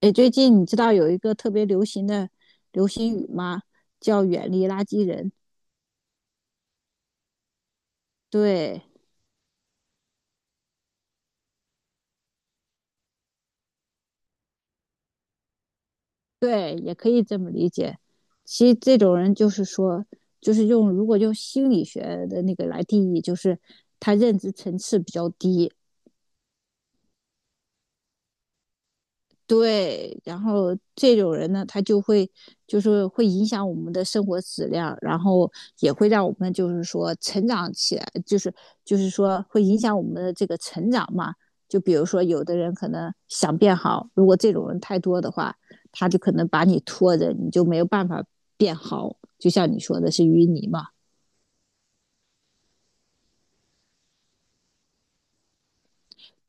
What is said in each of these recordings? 哎，最近你知道有一个特别流行的流行语吗？叫"远离垃圾人"。对对，也可以这么理解。其实这种人就是说，就是用如果用心理学的那个来定义，就是他认知层次比较低。对，然后这种人呢，他就会就是会影响我们的生活质量，然后也会让我们就是说成长起来，就是说会影响我们的这个成长嘛。就比如说，有的人可能想变好，如果这种人太多的话，他就可能把你拖着，你就没有办法变好。就像你说的是淤泥嘛，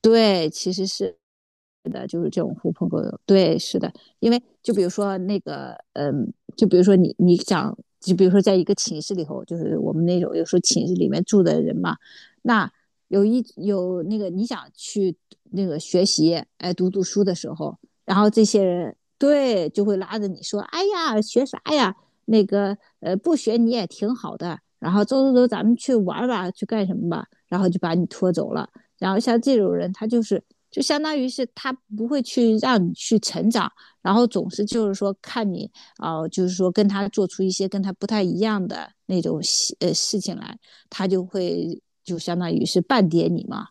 对，其实是狐朋狗友，对，是的，因为就比如说那个，就比如说你想，就比如说在一个寝室里头，就是我们那种有时候寝室里面住的人嘛。那有那个你想去那个学习，哎，读读书的时候，然后这些人对就会拉着你说，哎呀，学啥呀？那个不学你也挺好的。然后走走走，咱们去玩吧，去干什么吧？然后就把你拖走了。然后像这种人，他就是就相当于是他不会去让你去成长，然后总是就是说看你啊、就是说跟他做出一些跟他不太一样的那种事情来，他就会就相当于是半点你嘛。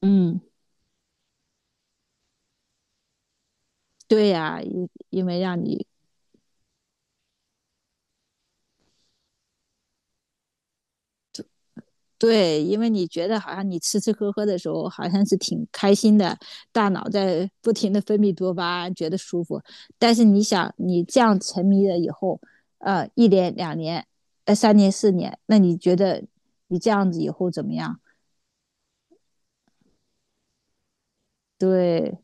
嗯，对呀、因为让你对。因为你觉得好像你吃吃喝喝的时候，好像是挺开心的，大脑在不停的分泌多巴胺，觉得舒服。但是你想，你这样沉迷了以后，1年、2年、3年、4年，那你觉得你这样子以后怎么样？对，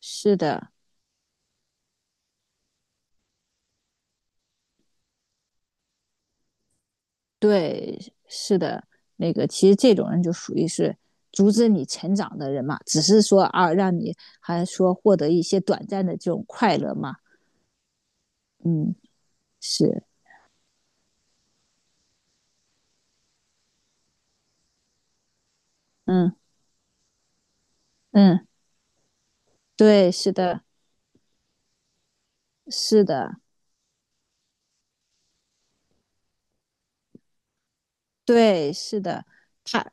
是的，对，是的，那个其实这种人就属于是阻止你成长的人嘛，只是说啊，让你还说获得一些短暂的这种快乐嘛。嗯，是，嗯嗯。对，是的，是的，对，是的，他，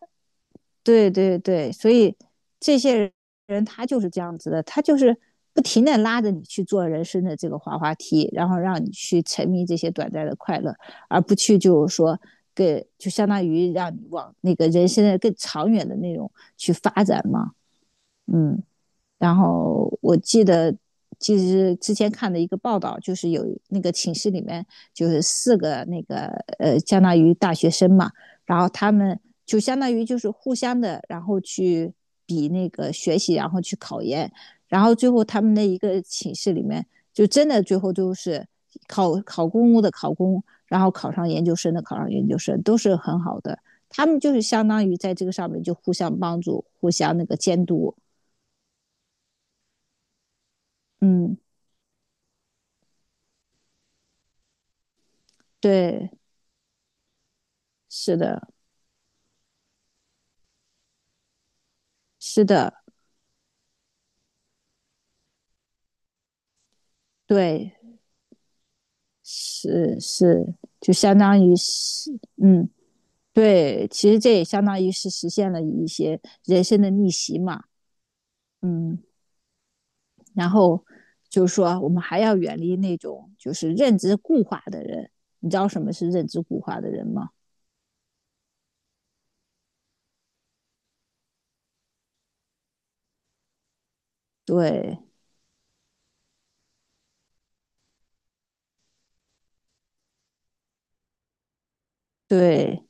对对对，所以这些人他就是这样子的，他就是不停的拉着你去做人生的这个滑滑梯，然后让你去沉迷这些短暂的快乐，而不去就是说就相当于让你往那个人生的更长远的那种去发展嘛。嗯，然后我记得，其实之前看的一个报道，就是有那个寝室里面就是四个那个相当于大学生嘛。然后他们就相当于就是互相的，然后去比那个学习，然后去考研，然后最后他们的一个寝室里面，就真的最后都是考考公务的考公，然后考上研究生的考上研究生，都是很好的。他们就是相当于在这个上面就互相帮助，互相那个监督。嗯。对，是的，是的，对，是是，就相当于是，嗯，对，其实这也相当于是实现了一些人生的逆袭嘛。嗯，然后就是说，我们还要远离那种就是认知固化的人，你知道什么是认知固化的人吗？对对，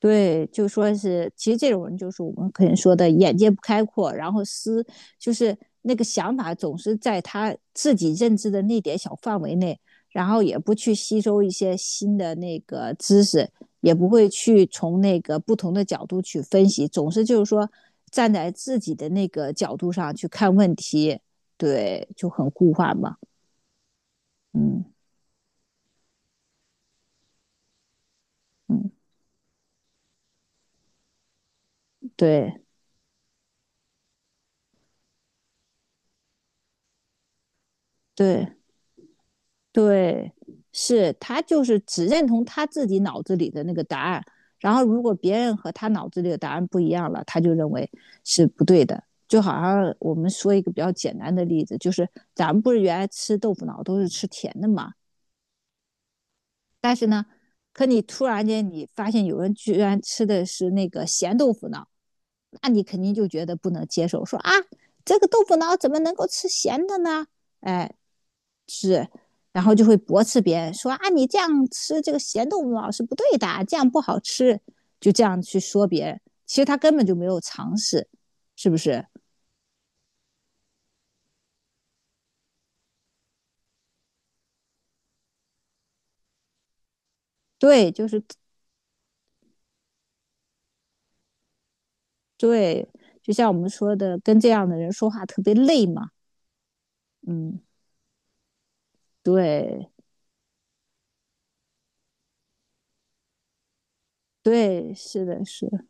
对，就说是，其实这种人就是我们可能说的眼界不开阔，然后就是那个想法总是在他自己认知的那点小范围内，然后也不去吸收一些新的那个知识，也不会去从那个不同的角度去分析，总是就是说站在自己的那个角度上去看问题，对，就很固化嘛。嗯嗯，对对。对，是他就是只认同他自己脑子里的那个答案，然后如果别人和他脑子里的答案不一样了，他就认为是不对的。就好像我们说一个比较简单的例子，就是咱们不是原来吃豆腐脑都是吃甜的嘛，但是呢，可你突然间你发现有人居然吃的是那个咸豆腐脑，那你肯定就觉得不能接受，说啊，这个豆腐脑怎么能够吃咸的呢？哎，是，然后就会驳斥别人说啊，你这样吃这个咸豆腐脑是不对的，这样不好吃，就这样去说别人。其实他根本就没有尝试，是不是？对，就是对，就像我们说的，跟这样的人说话特别累嘛。嗯，对对，是的，是。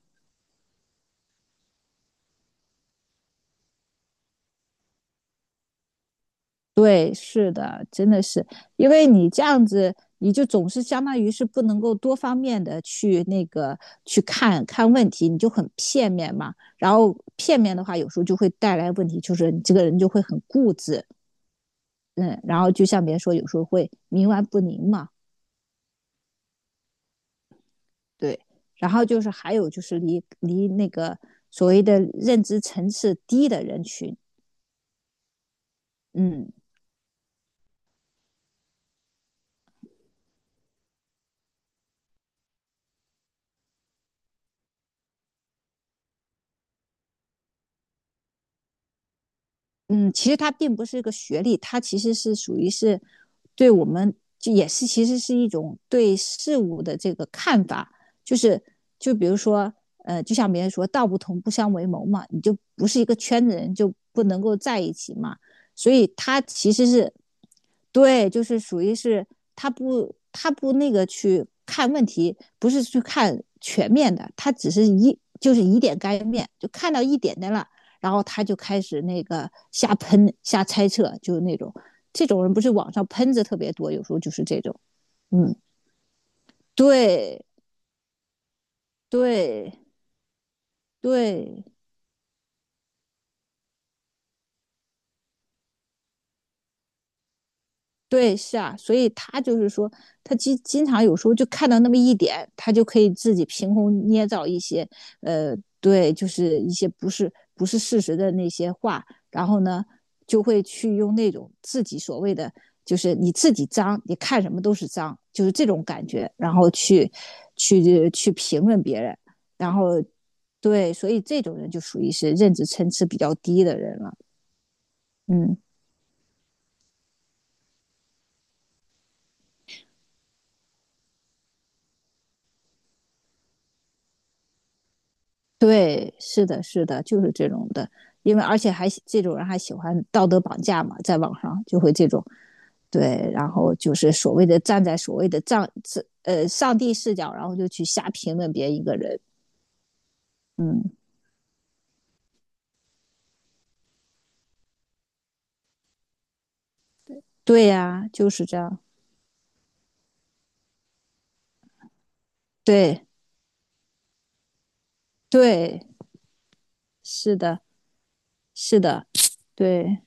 对，是的，真的是，因为你这样子，你就总是相当于是不能够多方面的去那个去看看问题，你就很片面嘛。然后片面的话，有时候就会带来问题，就是你这个人就会很固执。嗯，然后就像别人说，有时候会冥顽不灵嘛。对。然后就是还有就是离那个所谓的认知层次低的人群。嗯，嗯，其实他并不是一个学历，他其实是属于是对我们就也是其实是一种对事物的这个看法，就是就比如说就像别人说"道不同不相为谋"嘛，你就不是一个圈子人就不能够在一起嘛，所以他其实是对，就是属于是他不那个去看问题，不是去看全面的，他只是就是以点概面，就看到一点点了。然后他就开始那个瞎喷、瞎猜测，就是那种这种人不是网上喷子特别多，有时候就是这种，嗯，对对对对，是啊，所以他就是说，他经常有时候就看到那么一点，他就可以自己凭空捏造一些，呃，对，就是一些不是事实的那些话，然后呢，就会去用那种自己所谓的，就是你自己脏，你看什么都是脏，就是这种感觉，然后去评论别人，然后对，所以这种人就属于是认知层次比较低的人了。嗯。对，是的，是的，就是这种的，因为而且还这种人还喜欢道德绑架嘛，在网上就会这种，对，然后就是所谓的站在所谓的上帝视角，然后就去瞎评论别一个人。嗯，对呀、啊就是这样，对对，是的，是的，对，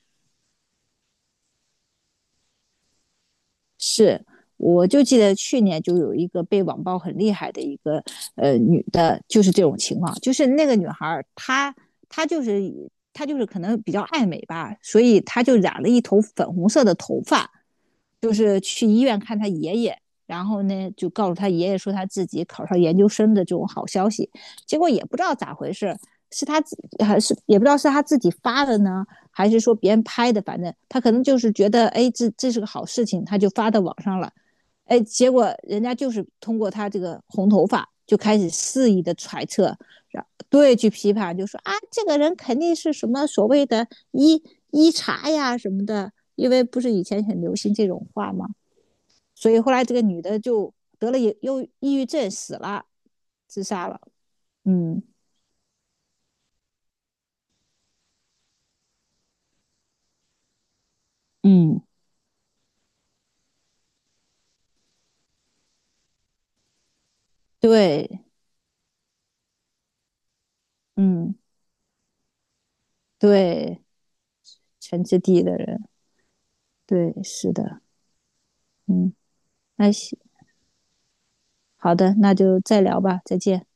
是，我就记得去年就有一个被网暴很厉害的一个女的，就是这种情况，就是那个女孩儿，她就是她就是可能比较爱美吧，所以她就染了一头粉红色的头发，就是去医院看他爷爷，然后呢就告诉他爷爷说他自己考上研究生的这种好消息，结果也不知道咋回事，是他自还是也不知道是他自己发的呢，还是说别人拍的，反正他可能就是觉得哎这是个好事情，他就发到网上了。哎，结果人家就是通过他这个红头发就开始肆意的揣测，然对，去批判，就说啊，这个人肯定是什么所谓的医茶呀什么的，因为不是以前很流行这种话吗？所以后来这个女的就得了抑郁症死了，自杀了。嗯嗯，对，嗯对，全知地的人，对，是的，嗯，那行，好的，那就再聊吧，再见。